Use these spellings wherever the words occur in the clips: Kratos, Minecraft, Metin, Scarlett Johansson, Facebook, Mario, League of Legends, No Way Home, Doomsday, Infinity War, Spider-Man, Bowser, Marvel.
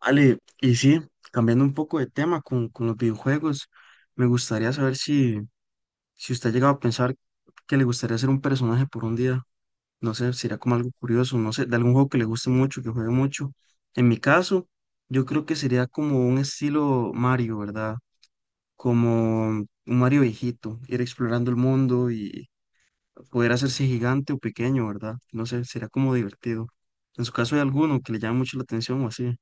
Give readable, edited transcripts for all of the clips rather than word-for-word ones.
Ale, y sí, cambiando un poco de tema con los videojuegos, me gustaría saber si usted ha llegado a pensar que le gustaría ser un personaje por un día. No sé, sería como algo curioso, no sé, de algún juego que le guste mucho, que juegue mucho. En mi caso, yo creo que sería como un estilo Mario, ¿verdad? Como un Mario viejito, ir explorando el mundo y poder hacerse gigante o pequeño, ¿verdad? No sé, sería como divertido. En su caso, ¿hay alguno que le llame mucho la atención o así?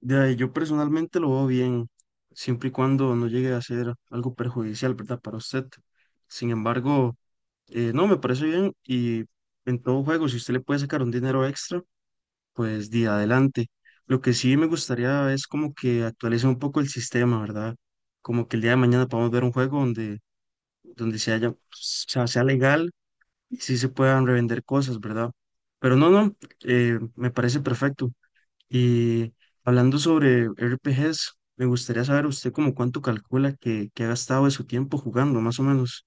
De ahí, yo personalmente lo veo bien, siempre y cuando no llegue a ser algo perjudicial, ¿verdad? Para usted. Sin embargo, no, me parece bien y en todo juego, si usted le puede sacar un dinero extra, pues de adelante. Lo que sí me gustaría es como que actualice un poco el sistema, ¿verdad? Como que el día de mañana podamos ver un juego donde se haya, o sea, sea legal y sí se puedan revender cosas, ¿verdad? Pero no, me parece perfecto. Y hablando sobre RPGs, me gustaría saber usted como cuánto calcula que ha gastado de su tiempo jugando, más o menos.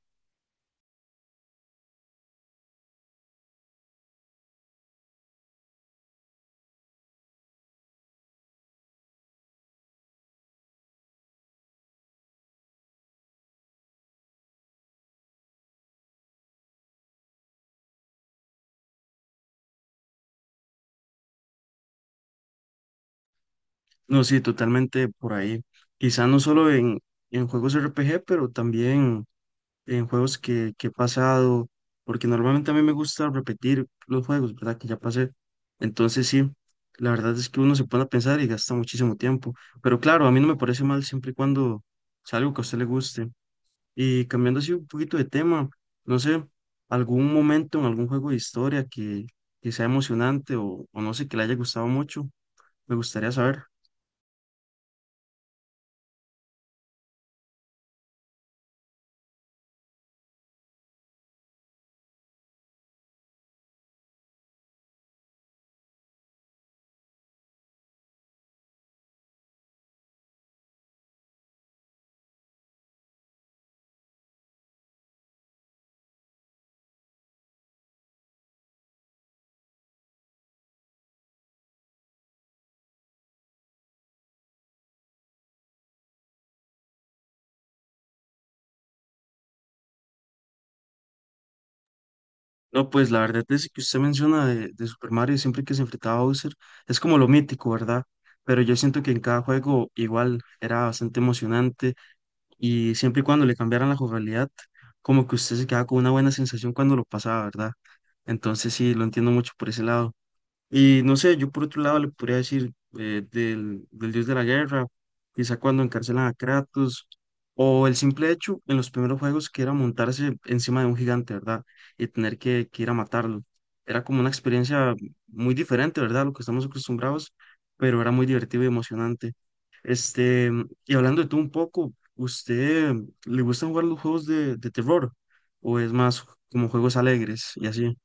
No, sí, totalmente por ahí. Quizá no solo en juegos RPG, pero también en juegos que he pasado, porque normalmente a mí me gusta repetir los juegos, ¿verdad? Que ya pasé. Entonces sí, la verdad es que uno se pone a pensar y gasta muchísimo tiempo. Pero claro, a mí no me parece mal siempre y cuando sea algo que a usted le guste. Y cambiando así un poquito de tema, no sé, algún momento en algún juego de historia que sea emocionante o no sé, que le haya gustado mucho, me gustaría saber. No, pues la verdad es que usted menciona de Super Mario siempre que se enfrentaba a Bowser, es como lo mítico, ¿verdad? Pero yo siento que en cada juego igual era bastante emocionante y siempre y cuando le cambiaran la jugabilidad, como que usted se quedaba con una buena sensación cuando lo pasaba, ¿verdad? Entonces sí, lo entiendo mucho por ese lado. Y no sé, yo por otro lado le podría decir del dios de la guerra, quizá cuando encarcelan a Kratos, o el simple hecho en los primeros juegos que era montarse encima de un gigante, ¿verdad? Y tener que ir a matarlo. Era como una experiencia muy diferente, ¿verdad? A lo que estamos acostumbrados, pero era muy divertido y emocionante. Este, y hablando de tú un poco, ¿usted le gustan jugar los juegos de terror? ¿O es más como juegos alegres y así?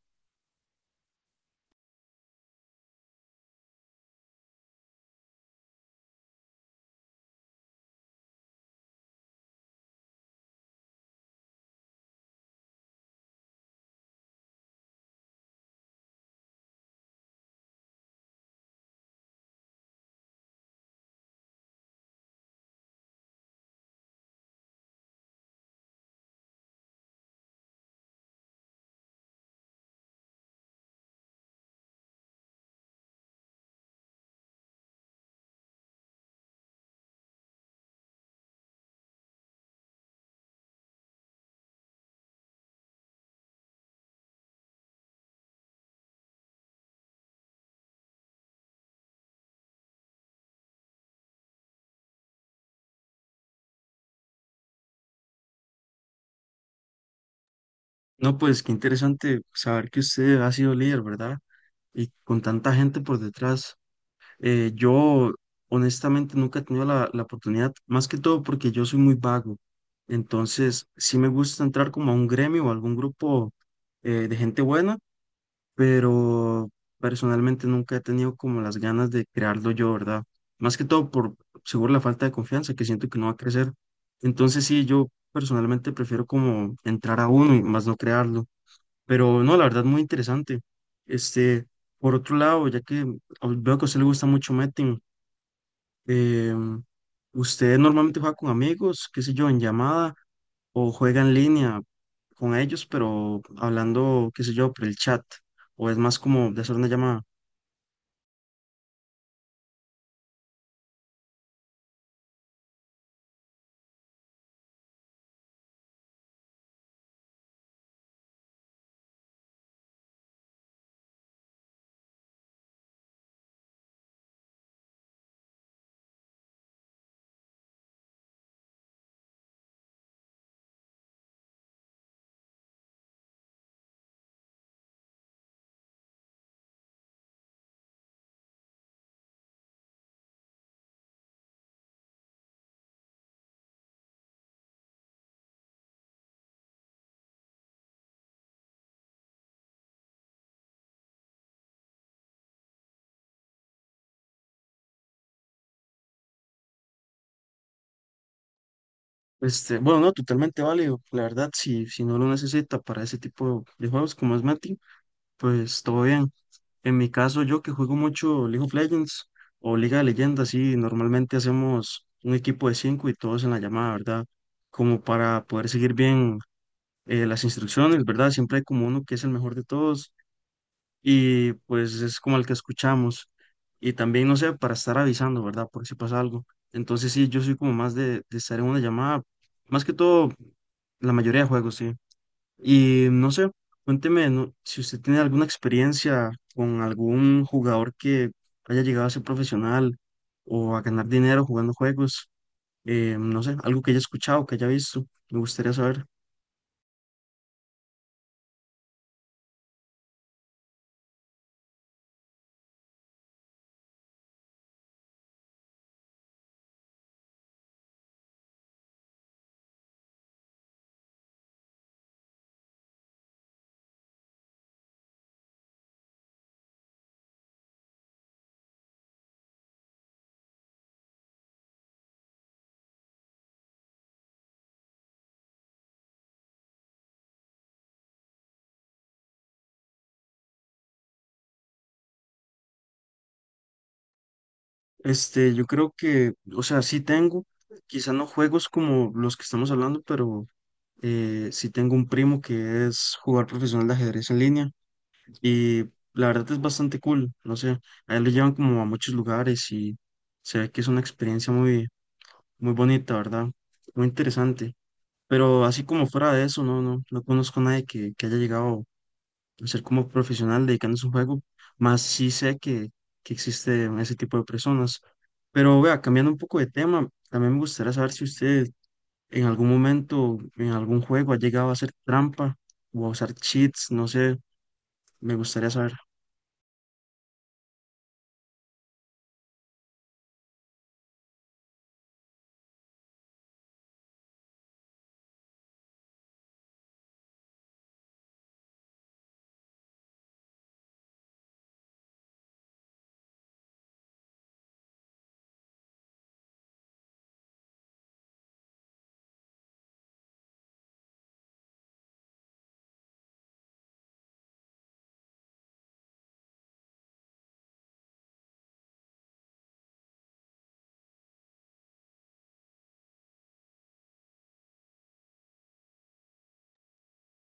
No, pues qué interesante saber que usted ha sido líder, ¿verdad? Y con tanta gente por detrás. Yo honestamente nunca he tenido la oportunidad, más que todo porque yo soy muy vago. Entonces, sí me gusta entrar como a un gremio o algún grupo de gente buena, pero personalmente nunca he tenido como las ganas de crearlo yo, ¿verdad? Más que todo por seguro la falta de confianza que siento que no va a crecer. Entonces, sí, yo personalmente prefiero como entrar a uno y más no crearlo. Pero no, la verdad, muy interesante. Este, por otro lado, ya que veo que a usted le gusta mucho Metin, eh, ¿usted normalmente juega con amigos, qué sé yo, en llamada o juega en línea con ellos, pero hablando, qué sé yo, por el chat? ¿O es más como de hacer una llamada? Este, bueno, no, totalmente válido. La verdad, si no lo necesita para ese tipo de juegos como es Metin, pues todo bien. En mi caso, yo que juego mucho League of Legends o Liga de Leyendas, sí, normalmente hacemos un equipo de cinco y todos en la llamada, ¿verdad? Como para poder seguir bien las instrucciones, ¿verdad? Siempre hay como uno que es el mejor de todos y pues es como el que escuchamos. Y también, no sé, para estar avisando, ¿verdad? Por si pasa algo. Entonces, sí, yo soy como más de estar en una llamada, más que todo, la mayoría de juegos, sí. Y no sé, cuénteme, ¿no? Si usted tiene alguna experiencia con algún jugador que haya llegado a ser profesional o a ganar dinero jugando juegos, no sé, algo que haya escuchado, que haya visto, me gustaría saber. Este, yo creo que, o sea, sí tengo, quizá no juegos como los que estamos hablando, pero sí tengo un primo que es jugador profesional de ajedrez en línea y la verdad es bastante cool, no sé, a él lo llevan como a muchos lugares y se ve que es una experiencia muy muy bonita, ¿verdad? Muy interesante. Pero así como fuera de eso, no, no conozco a nadie que haya llegado a ser como profesional dedicándose a un juego, más sí sé que existe ese tipo de personas. Pero vea, cambiando un poco de tema, también me gustaría saber si usted en algún momento, en algún juego, ha llegado a hacer trampa o a usar cheats, no sé, me gustaría saber.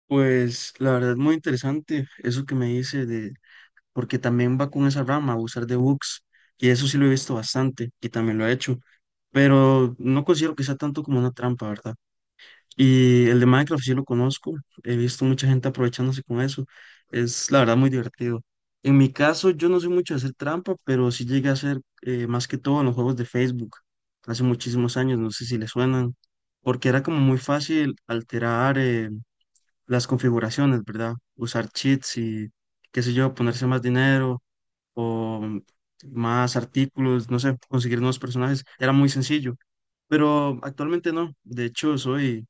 Pues la verdad es muy interesante eso que me dice de porque también va con esa rama, abusar de bugs, y eso sí lo he visto bastante, y también lo he hecho, pero no considero que sea tanto como una trampa, ¿verdad? Y el de Minecraft sí lo conozco, he visto mucha gente aprovechándose con eso, es la verdad muy divertido. En mi caso, yo no soy mucho de hacer trampa, pero sí llegué a hacer más que todo en los juegos de Facebook, hace muchísimos años, no sé si les suenan, porque era como muy fácil alterar las configuraciones, ¿verdad? Usar cheats y qué sé yo, ponerse más dinero o más artículos, no sé, conseguir nuevos personajes, era muy sencillo, pero actualmente no, de hecho soy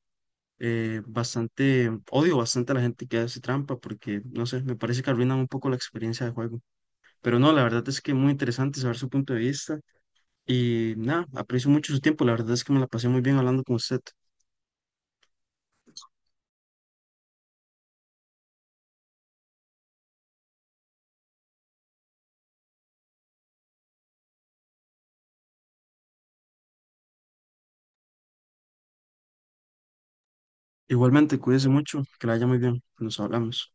odio bastante a la gente que hace trampa porque, no sé, me parece que arruinan un poco la experiencia de juego, pero no, la verdad es que muy interesante saber su punto de vista y nada, aprecio mucho su tiempo, la verdad es que me la pasé muy bien hablando con usted. Igualmente, cuídese mucho, que la haya muy bien, nos hablamos.